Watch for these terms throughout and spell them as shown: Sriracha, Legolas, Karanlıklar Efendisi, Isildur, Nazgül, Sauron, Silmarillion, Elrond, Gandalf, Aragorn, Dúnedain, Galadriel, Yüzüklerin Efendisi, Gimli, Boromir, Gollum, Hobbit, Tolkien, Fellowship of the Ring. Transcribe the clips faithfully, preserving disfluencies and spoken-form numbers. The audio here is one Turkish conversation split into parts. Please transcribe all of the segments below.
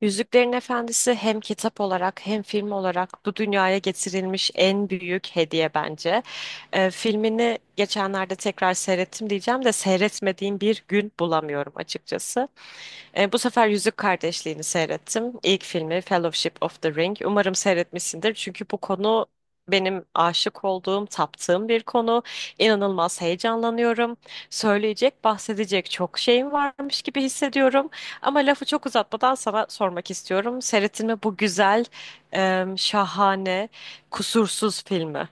Yüzüklerin Efendisi hem kitap olarak hem film olarak bu dünyaya getirilmiş en büyük hediye bence. Ee, filmini geçenlerde tekrar seyrettim diyeceğim de seyretmediğim bir gün bulamıyorum açıkçası. E, bu sefer Yüzük Kardeşliği'ni seyrettim. İlk filmi Fellowship of the Ring. Umarım seyretmişsindir. Çünkü bu konu benim aşık olduğum, taptığım bir konu. İnanılmaz heyecanlanıyorum. Söyleyecek, bahsedecek çok şeyim varmış gibi hissediyorum. Ama lafı çok uzatmadan sana sormak istiyorum. Seyrettin mi bu güzel, e, şahane, kusursuz filmi?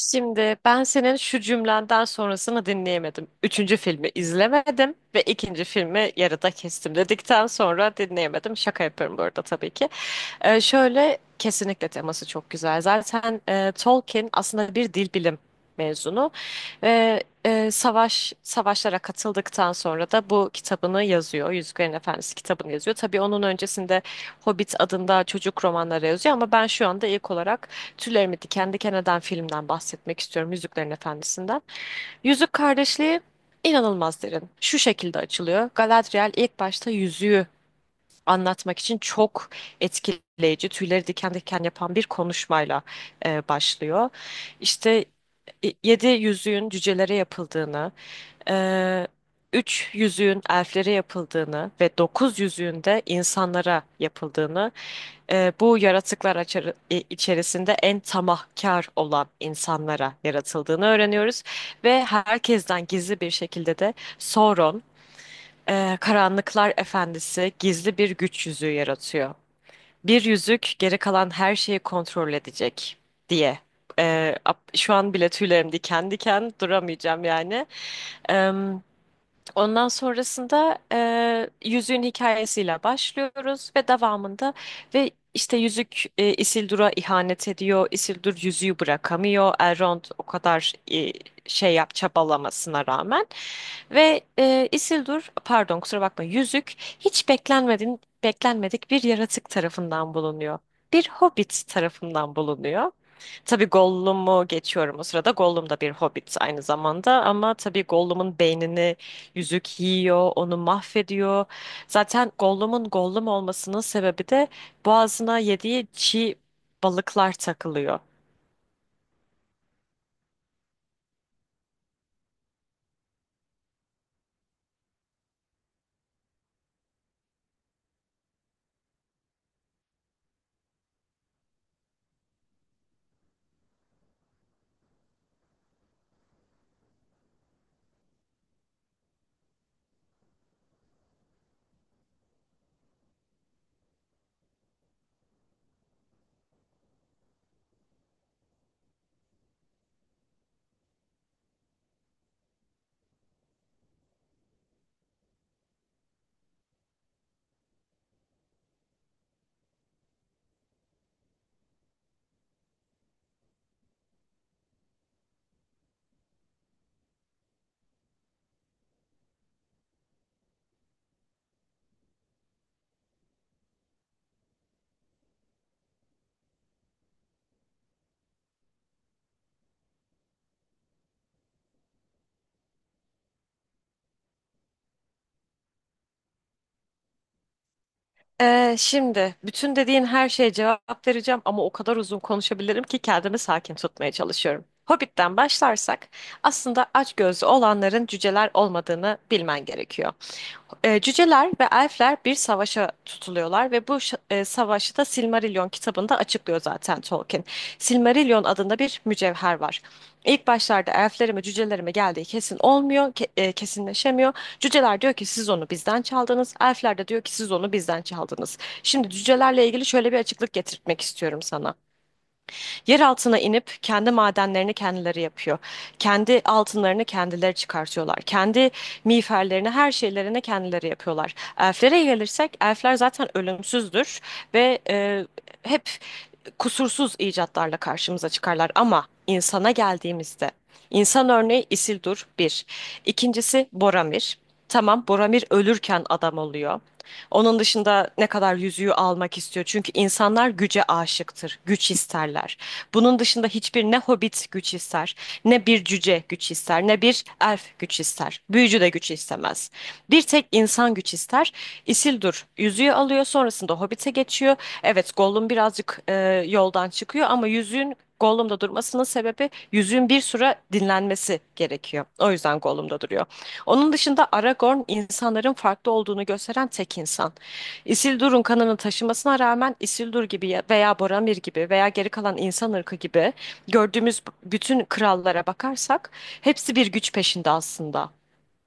Şimdi ben senin şu cümlenden sonrasını dinleyemedim. Üçüncü filmi izlemedim ve ikinci filmi yarıda kestim dedikten sonra dinleyemedim. Şaka yapıyorum bu arada tabii ki. Ee, şöyle kesinlikle teması çok güzel. Zaten e, Tolkien aslında bir dil bilim mezunu ve e, savaş savaşlara katıldıktan sonra da bu kitabını yazıyor. Yüzüklerin Efendisi kitabını yazıyor. Tabii onun öncesinde Hobbit adında çocuk romanları yazıyor ama ben şu anda ilk olarak tüylerimi diken diken eden filmden bahsetmek istiyorum. Yüzüklerin Efendisi'nden. Yüzük Kardeşliği inanılmaz derin. Şu şekilde açılıyor. Galadriel ilk başta yüzüğü anlatmak için çok etkileyici, tüyleri diken diken yapan bir konuşmayla e, başlıyor. İşte y- yedi yüzüğün cücelere yapıldığını, ee, üç yüzüğün elflere yapıldığını ve dokuz yüzüğün de insanlara yapıldığını, e, bu yaratıklar açarı- e, içerisinde en tamahkar olan insanlara yaratıldığını öğreniyoruz. Ve herkesten gizli bir şekilde de Sauron, e, Karanlıklar Efendisi gizli bir güç yüzüğü yaratıyor. Bir yüzük geri kalan her şeyi kontrol edecek diye. E, ap- şu an bile tüylerim diken diken duramayacağım yani. Ondan sonrasında eee yüzüğün hikayesiyle başlıyoruz ve devamında ve işte yüzük e, Isildur'a ihanet ediyor. Isildur yüzüğü bırakamıyor. Elrond o kadar e, şey yap çabalamasına rağmen ve e, Isildur pardon kusura bakma yüzük hiç beklenmedin beklenmedik bir yaratık tarafından bulunuyor. Bir hobbit tarafından bulunuyor. Tabii Gollum'u geçiyorum o sırada. Gollum da bir hobbit aynı zamanda ama tabii Gollum'un beynini yüzük yiyor, onu mahvediyor. Zaten Gollum'un Gollum olmasının sebebi de boğazına yediği çiğ balıklar takılıyor. Ee, şimdi bütün dediğin her şeye cevap vereceğim ama o kadar uzun konuşabilirim ki kendimi sakin tutmaya çalışıyorum. Hobbit'ten başlarsak aslında açgözlü olanların cüceler olmadığını bilmen gerekiyor. E, cüceler ve elfler bir savaşa tutuluyorlar ve bu şa- e, savaşı da Silmarillion kitabında açıklıyor zaten Tolkien. Silmarillion adında bir mücevher var. İlk başlarda elflere mi cücelere mi geldiği kesin olmuyor, ke- e, kesinleşemiyor. Cüceler diyor ki siz onu bizden çaldınız, elfler de diyor ki siz onu bizden çaldınız. Şimdi cücelerle ilgili şöyle bir açıklık getirtmek istiyorum sana. Yer altına inip kendi madenlerini kendileri yapıyor. Kendi altınlarını kendileri çıkartıyorlar. Kendi miğferlerini, her şeylerini kendileri yapıyorlar. Elflere gelirsek, elfler zaten ölümsüzdür ve e, hep kusursuz icatlarla karşımıza çıkarlar ama insana geldiğimizde insan örneği Isildur bir. İkincisi Boromir. Tamam Boromir ölürken adam oluyor. Onun dışında ne kadar yüzüğü almak istiyor. Çünkü insanlar güce aşıktır, güç isterler. Bunun dışında hiçbir ne hobbit güç ister, ne bir cüce güç ister, ne bir elf güç ister. Büyücü de güç istemez. Bir tek insan güç ister. Isildur yüzüğü alıyor, sonrasında hobbite geçiyor. Evet, Gollum birazcık e, yoldan çıkıyor ama yüzüğün Gollum'da durmasının sebebi yüzüğün bir süre dinlenmesi gerekiyor. O yüzden Gollum'da duruyor. Onun dışında Aragorn insanların farklı olduğunu gösteren tek insan. Isildur'un kanını taşımasına rağmen Isildur gibi ya- veya Boromir gibi veya geri kalan insan ırkı gibi gördüğümüz b- bütün krallara bakarsak hepsi bir güç peşinde aslında.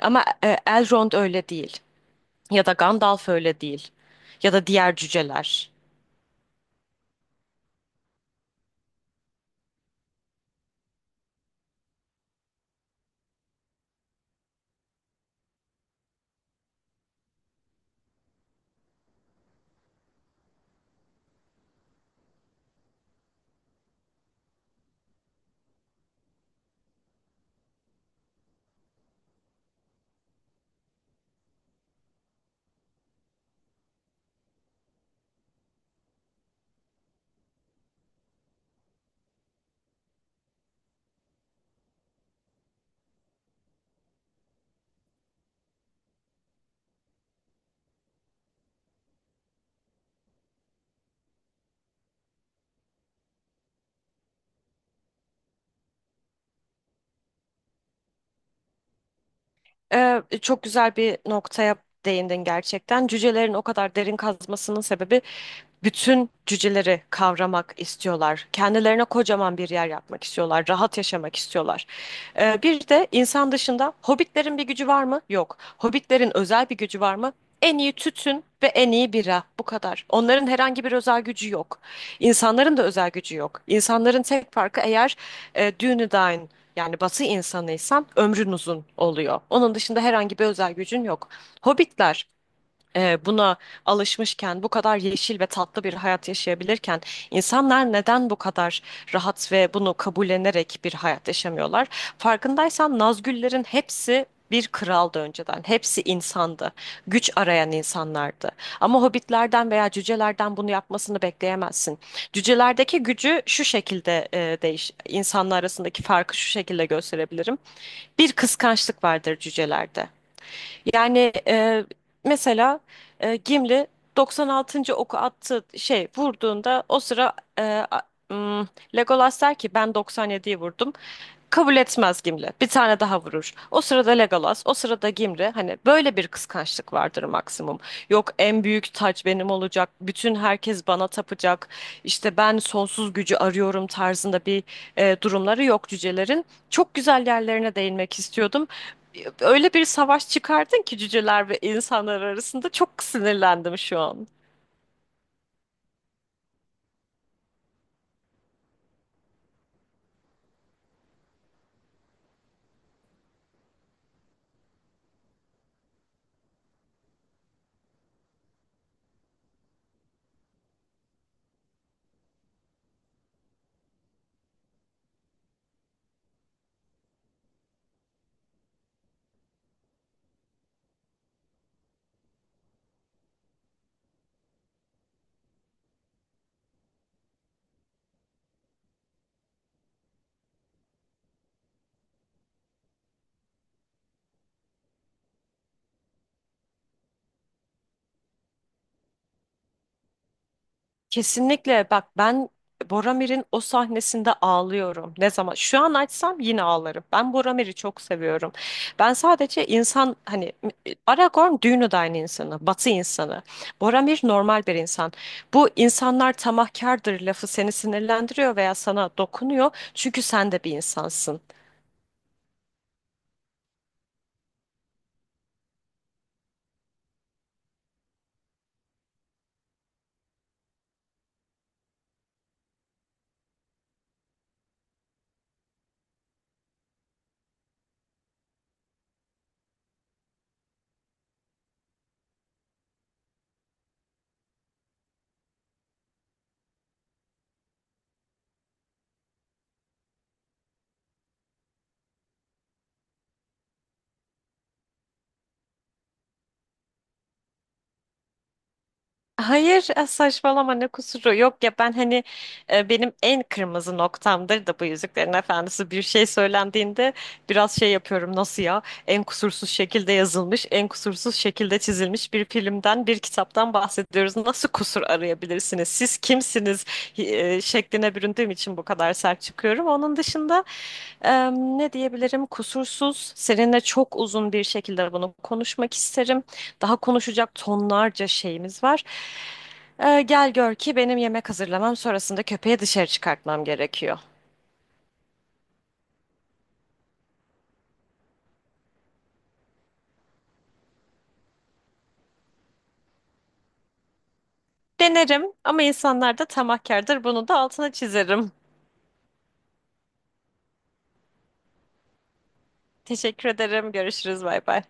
Ama e, Elrond öyle değil ya da Gandalf öyle değil ya da diğer cüceler. Ee, çok güzel bir noktaya değindin gerçekten. Cücelerin o kadar derin kazmasının sebebi bütün cüceleri kavramak istiyorlar. Kendilerine kocaman bir yer yapmak istiyorlar. Rahat yaşamak istiyorlar. Ee, bir de insan dışında hobbitlerin bir gücü var mı? Yok. Hobbitlerin özel bir gücü var mı? En iyi tütün ve en iyi bira. Bu kadar. Onların herhangi bir özel gücü yok. İnsanların da özel gücü yok. İnsanların tek farkı eğer e, Dúnedain yani batı insanıysan ömrün uzun oluyor. Onun dışında herhangi bir özel gücün yok. Hobbitler e, buna alışmışken, bu kadar yeşil ve tatlı bir hayat yaşayabilirken insanlar neden bu kadar rahat ve bunu kabullenerek bir hayat yaşamıyorlar? Farkındaysan Nazgüllerin hepsi bir kraldı önceden. Hepsi insandı. Güç arayan insanlardı. Ama hobbitlerden veya cücelerden bunu yapmasını bekleyemezsin. Cücelerdeki gücü şu şekilde e, değiş, insanlar arasındaki farkı şu şekilde gösterebilirim. Bir kıskançlık vardır cücelerde. Yani e, mesela e, Gimli doksan altıncı oku attı şey vurduğunda o sıra e, a- m, Legolas der ki ben doksan yediyi vurdum. Kabul etmez Gimli. Bir tane daha vurur. O sırada Legolas, o sırada Gimli. Hani böyle bir kıskançlık vardır maksimum. Yok en büyük taç benim olacak. Bütün herkes bana tapacak. İşte ben sonsuz gücü arıyorum tarzında bir e, durumları yok cücelerin. Çok güzel yerlerine değinmek istiyordum. Öyle bir savaş çıkardın ki cüceler ve insanlar arasında çok sinirlendim şu an. Kesinlikle bak ben Boromir'in o sahnesinde ağlıyorum. Ne zaman? Şu an açsam yine ağlarım. Ben Boromir'i çok seviyorum. Ben sadece insan hani Aragorn düğünü de aynı insanı, Batı insanı. Boromir normal bir insan. Bu insanlar tamahkardır lafı seni sinirlendiriyor veya sana dokunuyor. Çünkü sen de bir insansın. Hayır e, saçmalama ne kusuru yok ya ben hani e, benim en kırmızı noktamdır da bu Yüzüklerin Efendisi bir şey söylendiğinde biraz şey yapıyorum nasıl ya en kusursuz şekilde yazılmış en kusursuz şekilde çizilmiş bir filmden bir kitaptan bahsediyoruz nasıl kusur arayabilirsiniz siz kimsiniz e, şekline büründüğüm için bu kadar sert çıkıyorum onun dışında e, ne diyebilirim kusursuz seninle çok uzun bir şekilde bunu konuşmak isterim. Daha konuşacak tonlarca şeyimiz var. Ee, gel gör ki benim yemek hazırlamam sonrasında köpeği dışarı çıkartmam gerekiyor. Denerim ama insanlar da tamahkardır. Bunu da altına çizerim. Teşekkür ederim. Görüşürüz. Bay bay.